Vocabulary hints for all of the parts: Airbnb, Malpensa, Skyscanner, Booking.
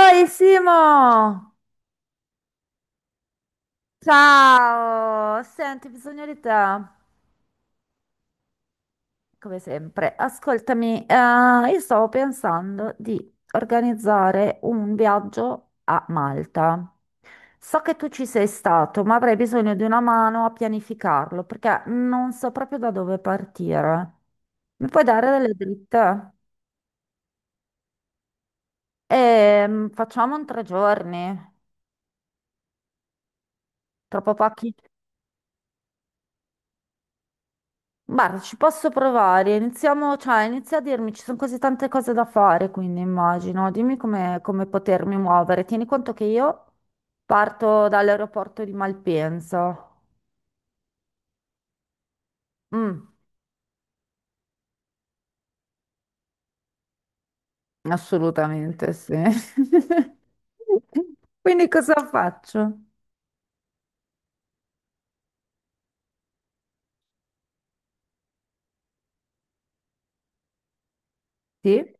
Oi Simo! Ciao! Senti, ho bisogno di te, come sempre. Ascoltami, io stavo pensando di organizzare un viaggio a Malta. So che tu ci sei stato, ma avrei bisogno di una mano a pianificarlo, perché non so proprio da dove partire. Mi puoi dare delle dritte? Facciamo un tre giorni, troppo pochi. Guarda, ci posso provare. Iniziamo, cioè, inizia a dirmi, ci sono così tante cose da fare, quindi immagino. Dimmi come, come potermi muovere. Tieni conto che io parto dall'aeroporto di Malpensa. Mm, assolutamente sì. Quindi cosa faccio? Sì?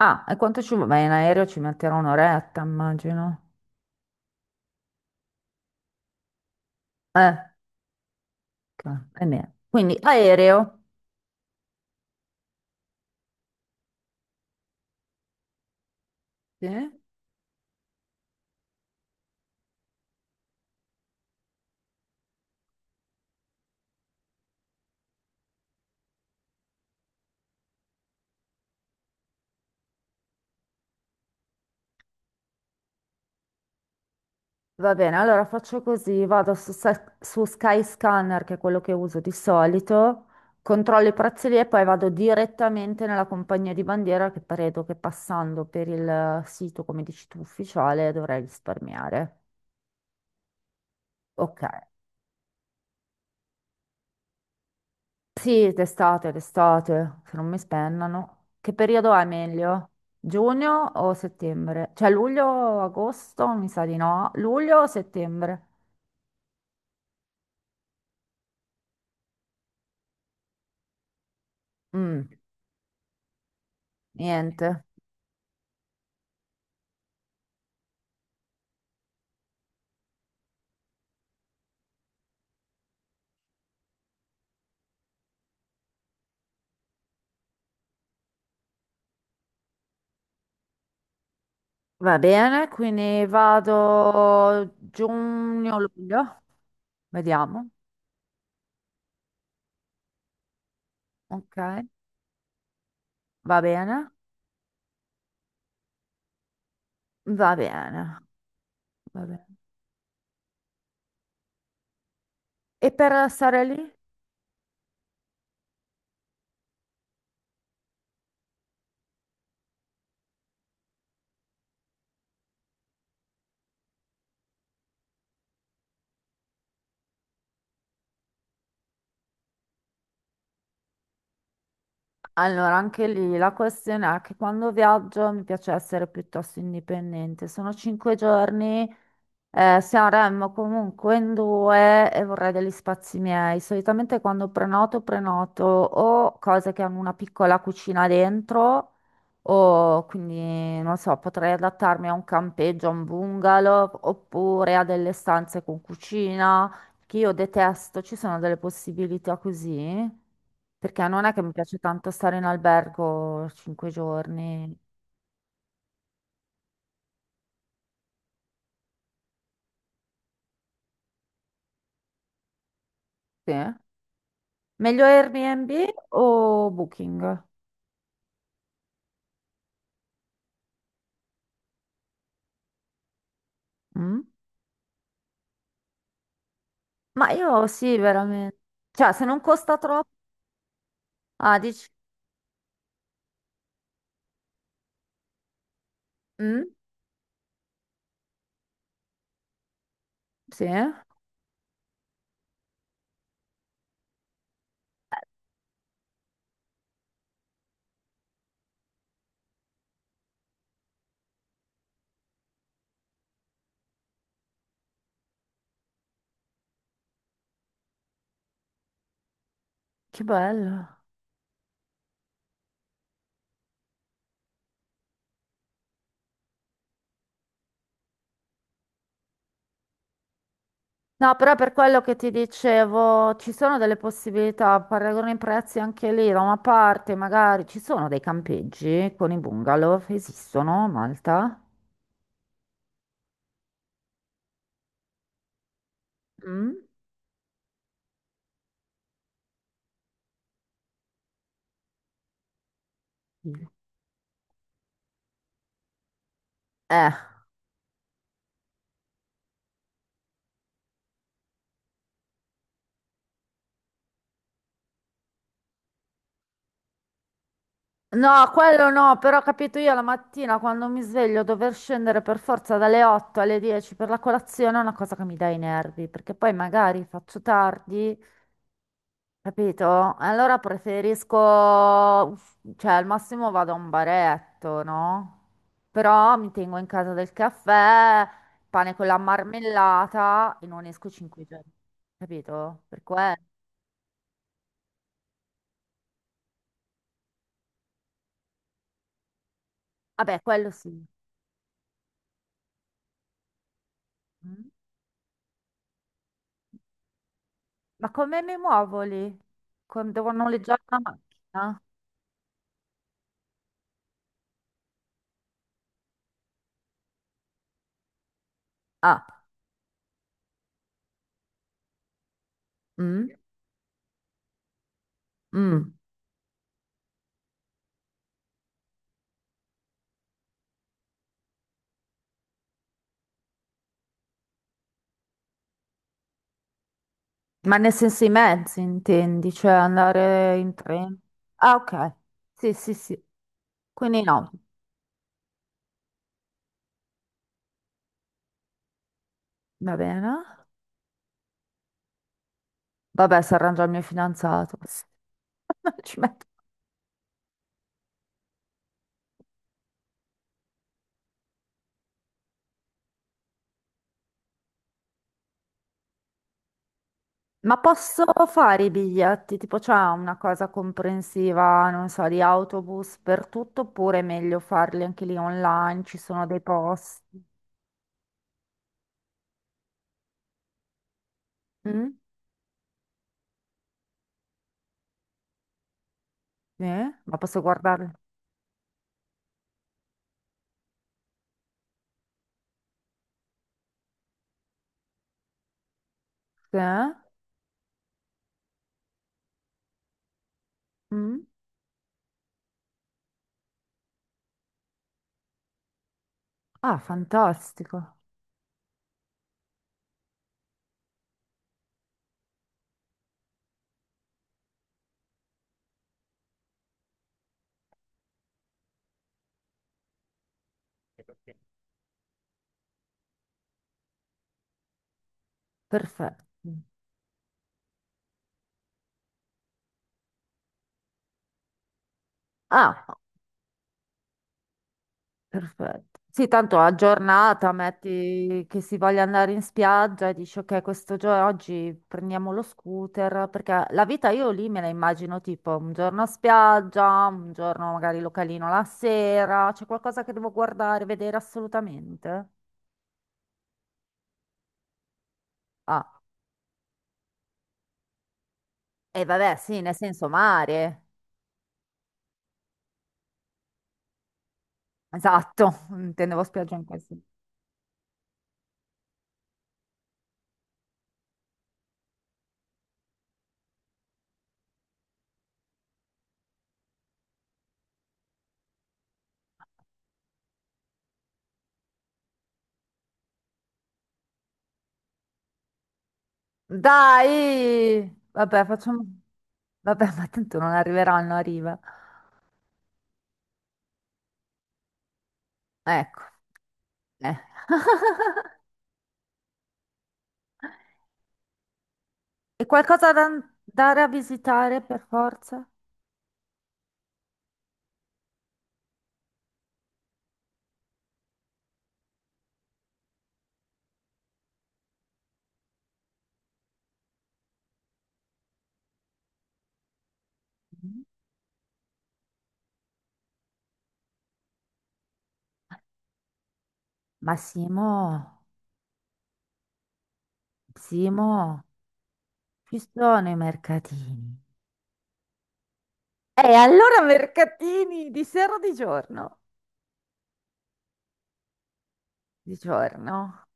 Ah, e quanto ci vuole? Beh, in aereo ci metterò un'oretta, immagino. Eh, ok, e niente. Quindi aereo. Sì? Va bene, allora faccio così, vado su, Sa- su Skyscanner, che è quello che uso di solito, controllo i prezzi lì e poi vado direttamente nella compagnia di bandiera che credo che passando per il sito, come dici tu, ufficiale dovrei risparmiare. Ok. Sì, d'estate, d'estate, se non mi spennano. Che periodo è meglio? Giugno o settembre? Cioè luglio, agosto? Mi sa di no. Luglio o settembre? Mm, niente. Va bene, quindi vado giugno-luglio, vediamo, ok, va bene, va bene, va bene. E per stare lì? Allora, anche lì la questione è che quando viaggio mi piace essere piuttosto indipendente. Sono cinque giorni. Sanremo comunque in due e vorrei degli spazi miei. Solitamente quando prenoto, prenoto o cose che hanno una piccola cucina dentro, o quindi non so, potrei adattarmi a un campeggio, a un bungalow, oppure a delle stanze con cucina, che io detesto. Ci sono delle possibilità così, perché non è che mi piace tanto stare in albergo cinque giorni. Sì. Meglio Airbnb o Booking? Mm? Ma io sì, veramente. Cioè, se non costa troppo... Ah, dici... Mm? Sì? Che bello. No, però per quello che ti dicevo, ci sono delle possibilità, paragono i prezzi anche lì, da una parte magari ci sono dei campeggi con i bungalow, esistono a Malta? Mm? Sì. Eh. No, quello no, però ho capito, io la mattina quando mi sveglio dover scendere per forza dalle 8 alle 10 per la colazione è una cosa che mi dà i nervi, perché poi magari faccio tardi. Capito? Allora preferisco, cioè al massimo vado a un baretto, no? Però mi tengo in casa del caffè, pane con la marmellata e non esco cinque giorni. Capito? Per quello. Vabbè, quello sì. Mm. Ma come mi muovo lì? Con- devo noleggiare una macchina? Ah, mm, mm. Ma nel senso i mezzi intendi, cioè andare in treno? Ah, ok. Sì, sì, sì. Quindi no. Va bene. Vabbè, si arrangia il mio fidanzato. Non ci metto- Ma posso fare i biglietti? Tipo, c'è una cosa comprensiva, non so, di autobus per tutto, oppure è meglio farli anche lì online? Ci sono dei posti. Mm? Sì? Ma posso guardarli? Sì? Mm? Ah, fantastico. Perfetto. Ah, perfetto. Sì, tanto a giornata metti che si voglia andare in spiaggia e dici ok, questo giorno oggi prendiamo lo scooter, perché la vita io lì me la immagino tipo un giorno a spiaggia, un giorno magari localino la sera, c'è qualcosa che devo guardare, vedere assolutamente. Ah, e vabbè, sì, nel senso mare. Esatto, intendevo spiaggia in questo. Dai! Vabbè, facciamo... Vabbè, ma tanto non arriveranno a riva. Ecco. Eh. E qualcosa da andare a visitare per forza? Ma Simo, Simo, ci sono i mercatini. E allora mercatini di sera o di giorno? Di giorno.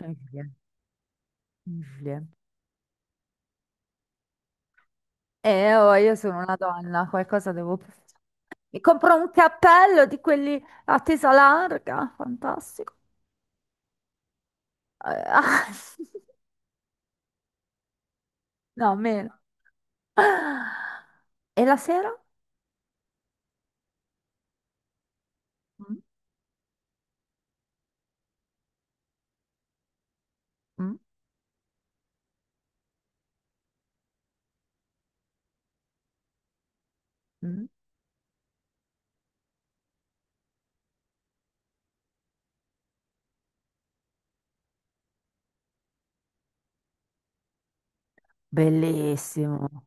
Incredibile, incredibile. E oh, io sono una donna, qualcosa devo... fare. Mi compro un cappello di quelli a tesa larga, fantastico. Ah, no, meno. E la sera? Mm, mm, mm. Bellissimo.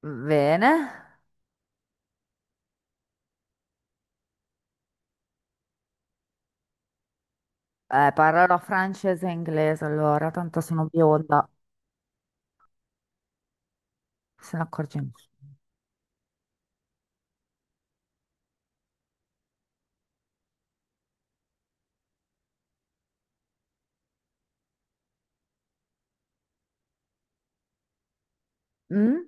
Bene, parlerò francese e inglese allora, tanto sono bionda, se ne accorge nessuno. Mm?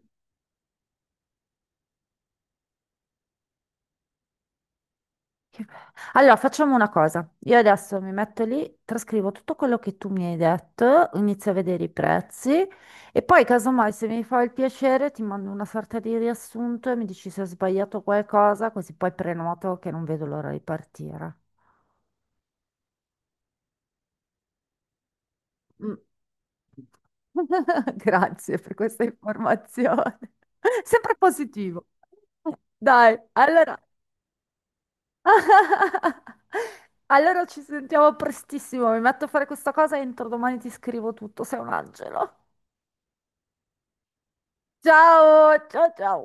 Che be- Allora, facciamo una cosa. Io adesso mi metto lì, trascrivo tutto quello che tu mi hai detto, inizio a vedere i prezzi e poi, casomai, se mi fa il piacere, ti mando una sorta di riassunto e mi dici se ho sbagliato qualcosa, così poi prenoto che non vedo l'ora di partire. Mm. Grazie per questa informazione. Sempre positivo. Dai, allora. Allora ci sentiamo prestissimo. Mi metto a fare questa cosa e entro domani ti scrivo tutto. Sei un angelo. Ciao, ciao, ciao.